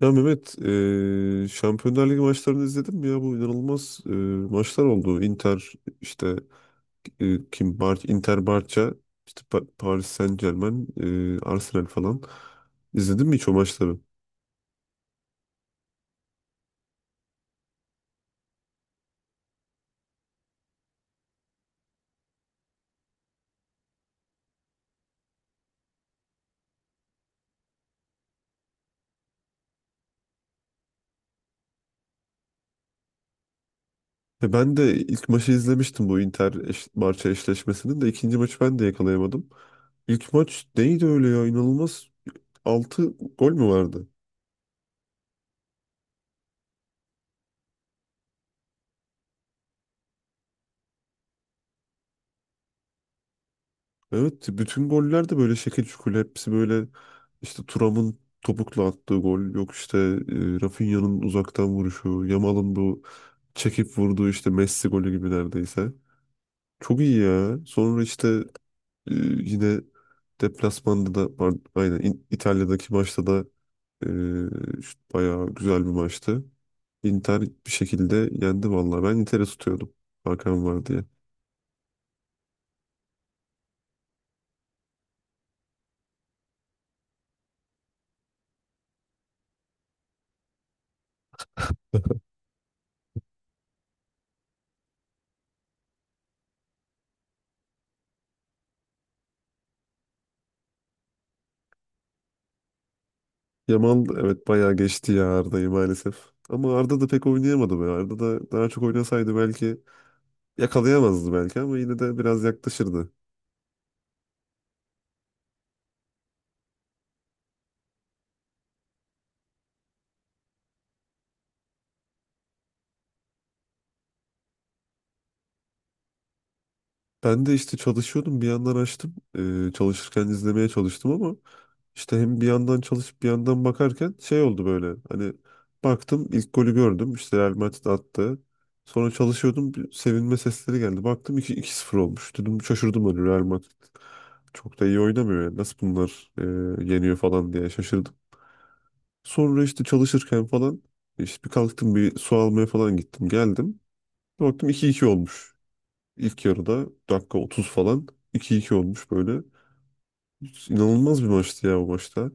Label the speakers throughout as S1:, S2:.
S1: Ya Mehmet, Şampiyonlar Ligi maçlarını izledin mi ya? Bu inanılmaz maçlar oldu. Inter işte kim Inter Barça, işte Paris Saint-Germain, Arsenal falan. İzledin mi hiç o maçları? Ben de ilk maçı izlemiştim bu Inter eş Barça eşleşmesinin de ikinci maçı ben de yakalayamadım. İlk maç neydi öyle ya? İnanılmaz 6 gol mü vardı? Evet bütün goller de böyle şekil şukul hepsi böyle işte Thuram'ın topukla attığı gol yok işte Rafinha'nın uzaktan vuruşu Yamal'ın bu çekip vurduğu işte Messi golü gibi neredeyse. Çok iyi ya. Sonra işte yine deplasmanda da pardon, aynen İtalya'daki maçta da işte bayağı güzel bir maçtı. Inter bir şekilde yendi vallahi. Ben Inter'i tutuyordum. Hakan var diye. Yamal evet bayağı geçti ya Arda'yı maalesef. Ama Arda da pek oynayamadı be. Arda da daha çok oynasaydı belki yakalayamazdı belki ama yine de biraz yaklaşırdı. Ben de işte çalışıyordum bir yandan açtım. Çalışırken izlemeye çalıştım ama işte hem bir yandan çalışıp bir yandan bakarken şey oldu böyle. Hani baktım ilk golü gördüm. İşte Real Madrid attı. Sonra çalışıyordum bir sevinme sesleri geldi. Baktım 2-0 olmuş. Dedim şaşırdım hani Real Madrid. Çok da iyi oynamıyor yani. Nasıl bunlar yeniyor falan diye şaşırdım. Sonra işte çalışırken falan işte bir kalktım bir su almaya falan gittim geldim. Baktım 2-2 olmuş. İlk yarıda dakika 30 falan 2-2 olmuş böyle. İnanılmaz bir maçtı ya o maçta.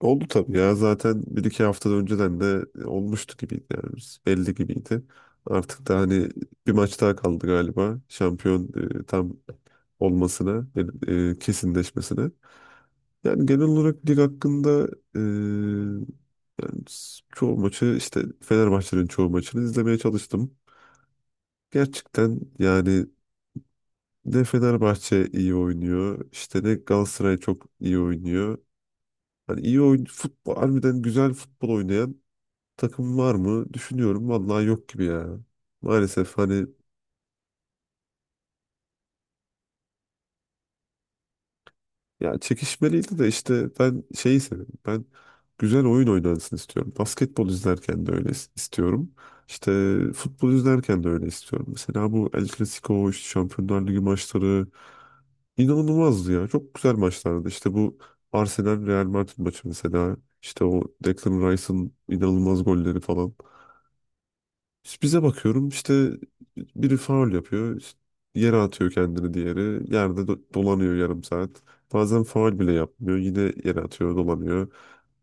S1: Oldu tabii ya zaten bir iki hafta önceden de olmuştu gibiydi yani biz. Belli gibiydi. Artık da hani bir maç daha kaldı galiba şampiyon tam olmasına, kesinleşmesine. Yani genel olarak lig hakkında e, yani çoğu maçı işte Fenerbahçe'nin çoğu maçını izlemeye çalıştım. Gerçekten yani ne Fenerbahçe iyi oynuyor. İşte ne Galatasaray çok iyi oynuyor. Hani iyi oyun futbol harbiden güzel futbol oynayan takım var mı? Düşünüyorum vallahi yok gibi ya. Maalesef hani ya çekişmeliydi de işte ben şeyi seviyorum. Ben güzel oyun oynansın istiyorum. Basketbol izlerken de öyle istiyorum. İşte futbol izlerken de öyle istiyorum. Mesela bu El Clasico, işte Şampiyonlar Ligi maçları İnanılmazdı ya. Çok güzel maçlardı. İşte bu Arsenal Real Madrid maçı mesela. İşte o Declan Rice'ın inanılmaz golleri falan. İşte bize bakıyorum işte biri faul yapıyor. İşte yere atıyor kendini diğeri. Yerde dolanıyor yarım saat. Bazen faul bile yapmıyor. Yine yere atıyor, dolanıyor.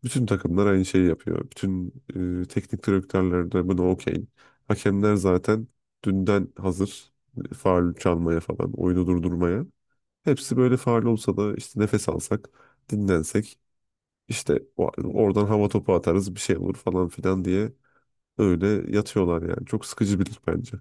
S1: Bütün takımlar aynı şeyi yapıyor. Bütün teknik direktörler de buna okey. Hakemler zaten dünden hazır. Faul çalmaya falan, oyunu durdurmaya. Hepsi böyle faal olsa da işte nefes alsak, dinlensek, işte oradan hava topu atarız bir şey olur falan filan diye öyle yatıyorlar yani. Çok sıkıcı bir lig bence.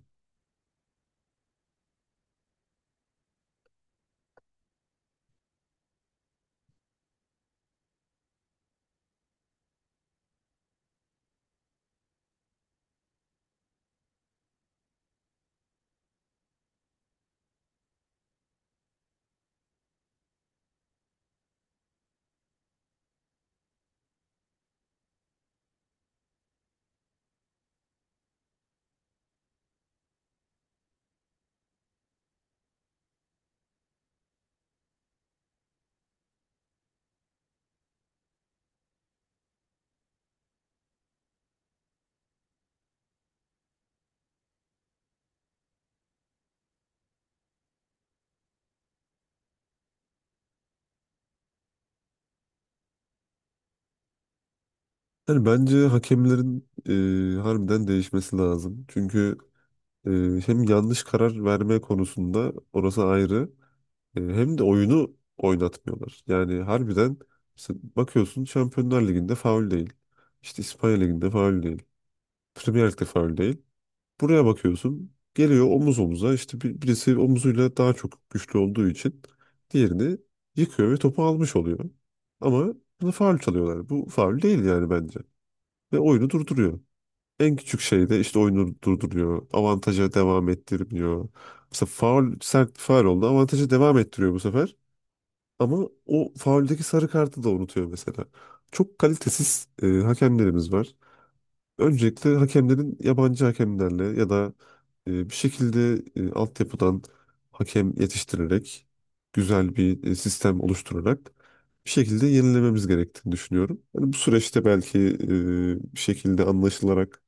S1: Yani bence hakemlerin harbiden değişmesi lazım. Çünkü Ee, hem yanlış karar verme konusunda orası ayrı. Hem de oyunu oynatmıyorlar. Yani harbiden işte bakıyorsun Şampiyonlar Ligi'nde faul değil. İşte İspanya Ligi'nde faul değil. Premier Lig'de faul değil. Buraya bakıyorsun geliyor omuz omuza işte birisi omuzuyla daha çok güçlü olduğu için diğerini yıkıyor ve topu almış oluyor. Ama bunu faul çalıyorlar. Bu faul değil yani bence. Ve oyunu durduruyor. En küçük şeyde işte oyunu durduruyor. Avantaja devam ettirmiyor. Mesela faul sert bir faul oldu. Avantaja devam ettiriyor bu sefer. Ama o fauldeki sarı kartı da unutuyor mesela. Çok kalitesiz hakemlerimiz var. Öncelikle hakemlerin yabancı hakemlerle ya da bir şekilde altyapıdan hakem yetiştirerek güzel bir sistem oluşturarak bir şekilde yenilememiz gerektiğini düşünüyorum. Yani bu süreçte belki bir şekilde anlaşılarak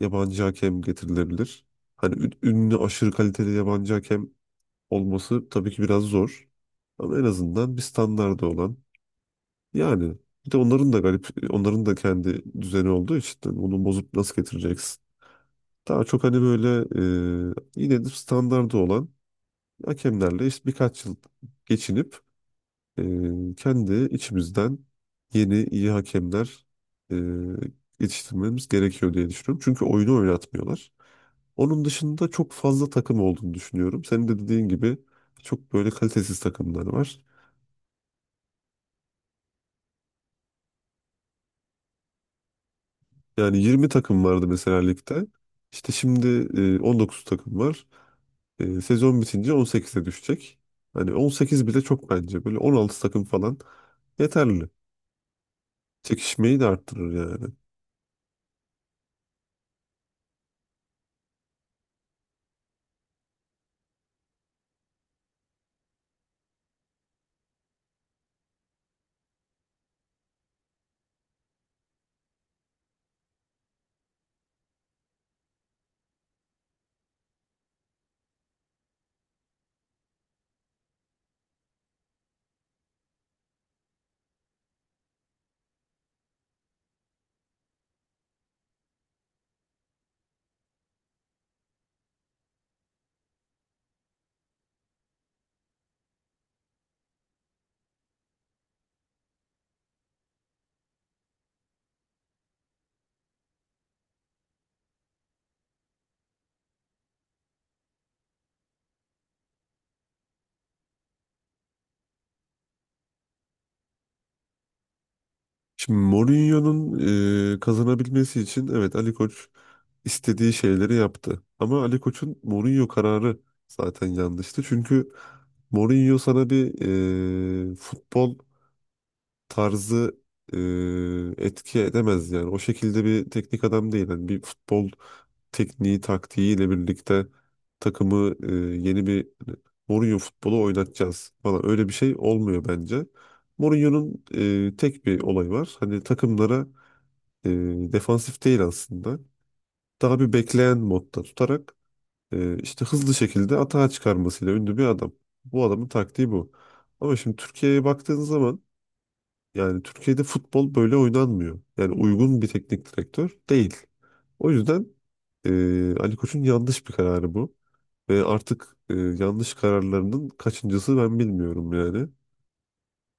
S1: yabancı hakem getirilebilir. Hani ünlü aşırı kaliteli yabancı hakem olması tabii ki biraz zor. Ama en azından bir standardı olan yani bir de onların da garip onların da kendi düzeni olduğu için hani onu bozup nasıl getireceksin? Daha çok hani böyle yine de standardı olan hakemlerle işte birkaç yıl geçinip e, kendi içimizden yeni iyi hakemler e, yetiştirmemiz gerekiyor diye düşünüyorum. Çünkü oyunu oynatmıyorlar. Onun dışında çok fazla takım olduğunu düşünüyorum. Senin de dediğin gibi çok böyle kalitesiz takımlar var. Yani 20 takım vardı mesela ligde. İşte şimdi 19 takım var. Sezon bitince 18'e düşecek. Hani 18 bile çok bence. Böyle 16 takım falan yeterli. Çekişmeyi de arttırır yani. Şimdi Mourinho'nun kazanabilmesi için evet Ali Koç istediği şeyleri yaptı. Ama Ali Koç'un Mourinho kararı zaten yanlıştı. Çünkü Mourinho sana bir futbol tarzı etki edemez yani. O şekilde bir teknik adam değil. Yani bir futbol tekniği, taktiğiyle birlikte takımı yeni bir hani Mourinho futbolu oynatacağız falan öyle bir şey olmuyor bence. Mourinho'nun tek bir olayı var. Hani takımlara e, defansif değil aslında. Daha bir bekleyen modda tutarak işte hızlı şekilde atağa çıkarmasıyla ünlü bir adam. Bu adamın taktiği bu. Ama şimdi Türkiye'ye baktığın zaman yani Türkiye'de futbol böyle oynanmıyor. Yani uygun bir teknik direktör değil. O yüzden Ali Koç'un yanlış bir kararı bu. Ve artık yanlış kararlarının kaçıncısı ben bilmiyorum yani.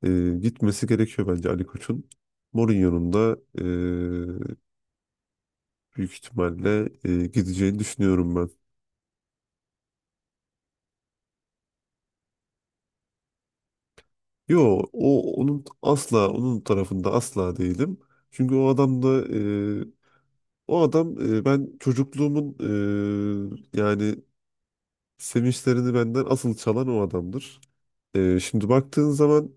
S1: Gitmesi gerekiyor bence Ali Koç'un. Mourinho'nun da büyük ihtimalle gideceğini düşünüyorum ben. Yo, onun asla onun tarafında asla değilim. Çünkü o adam da e, o adam e, ben çocukluğumun yani sevinçlerini benden asıl çalan o adamdır. Şimdi baktığın zaman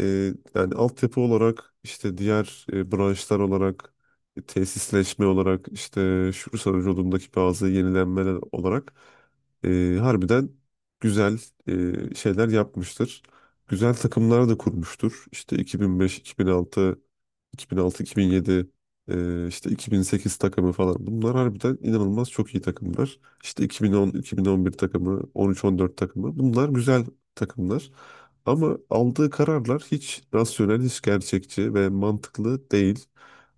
S1: yani altyapı olarak işte diğer branşlar olarak tesisleşme olarak işte şu yolundaki bazı yenilenmeler olarak harbiden güzel şeyler yapmıştır. Güzel takımlar da kurmuştur. İşte 2005-2006 2006-2007 işte 2008 takımı falan. Bunlar harbiden inanılmaz çok iyi takımlar. İşte 2010-2011 takımı, 13-14 takımı. Bunlar güzel takımlar. Ama aldığı kararlar hiç rasyonel, hiç gerçekçi ve mantıklı değil.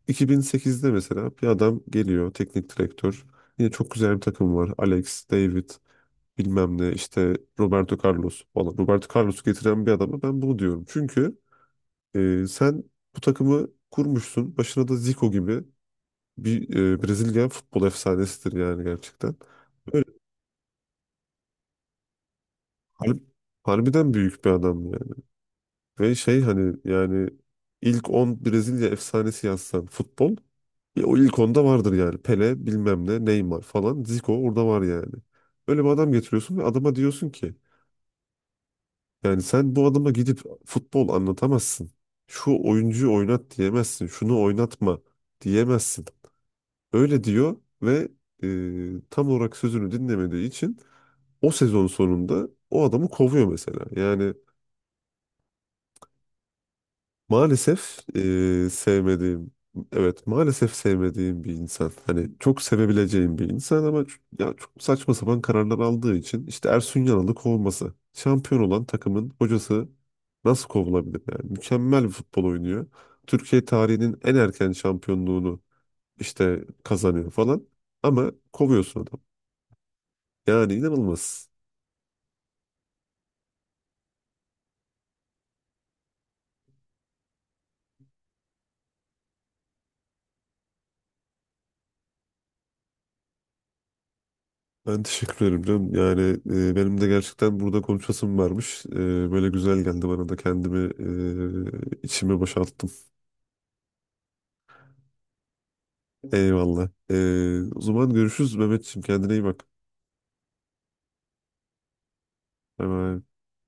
S1: 2008'de mesela bir adam geliyor, teknik direktör. Yine çok güzel bir takım var. Alex, David, bilmem ne işte Roberto Carlos falan. Roberto Carlos'u getiren bir adama ben bunu diyorum. Çünkü sen bu takımı kurmuşsun. Başına da Zico gibi bir Brezilya futbol efsanesidir yani gerçekten. Böyle har- harbiden büyük bir adam yani. Ve şey hani yani ilk 10 Brezilya efsanesi yazsan futbol o ilk onda vardır yani. Pele bilmem ne Neymar falan Zico orada var yani. Öyle bir adam getiriyorsun ve adama diyorsun ki yani sen bu adama gidip futbol anlatamazsın. Şu oyuncuyu oynat diyemezsin. Şunu oynatma diyemezsin. Öyle diyor ve tam olarak sözünü dinlemediği için o sezon sonunda o adamı kovuyor mesela. Yani maalesef sevmediğim, evet maalesef sevmediğim bir insan. Hani çok sevebileceğim bir insan ama ya çok saçma sapan kararlar aldığı için işte Ersun Yanal'ı kovması. Şampiyon olan takımın hocası nasıl kovulabilir yani? Mükemmel bir futbol oynuyor. Türkiye tarihinin en erken şampiyonluğunu işte kazanıyor falan. Ama kovuyorsun adamı. Yani inanılmaz. Ben teşekkür ederim canım. Yani benim de gerçekten burada konuşasım varmış. Böyle güzel geldi bana da kendimi içime boşalttım. Eyvallah. O zaman görüşürüz Mehmetciğim. Kendine iyi bak. Bay bay.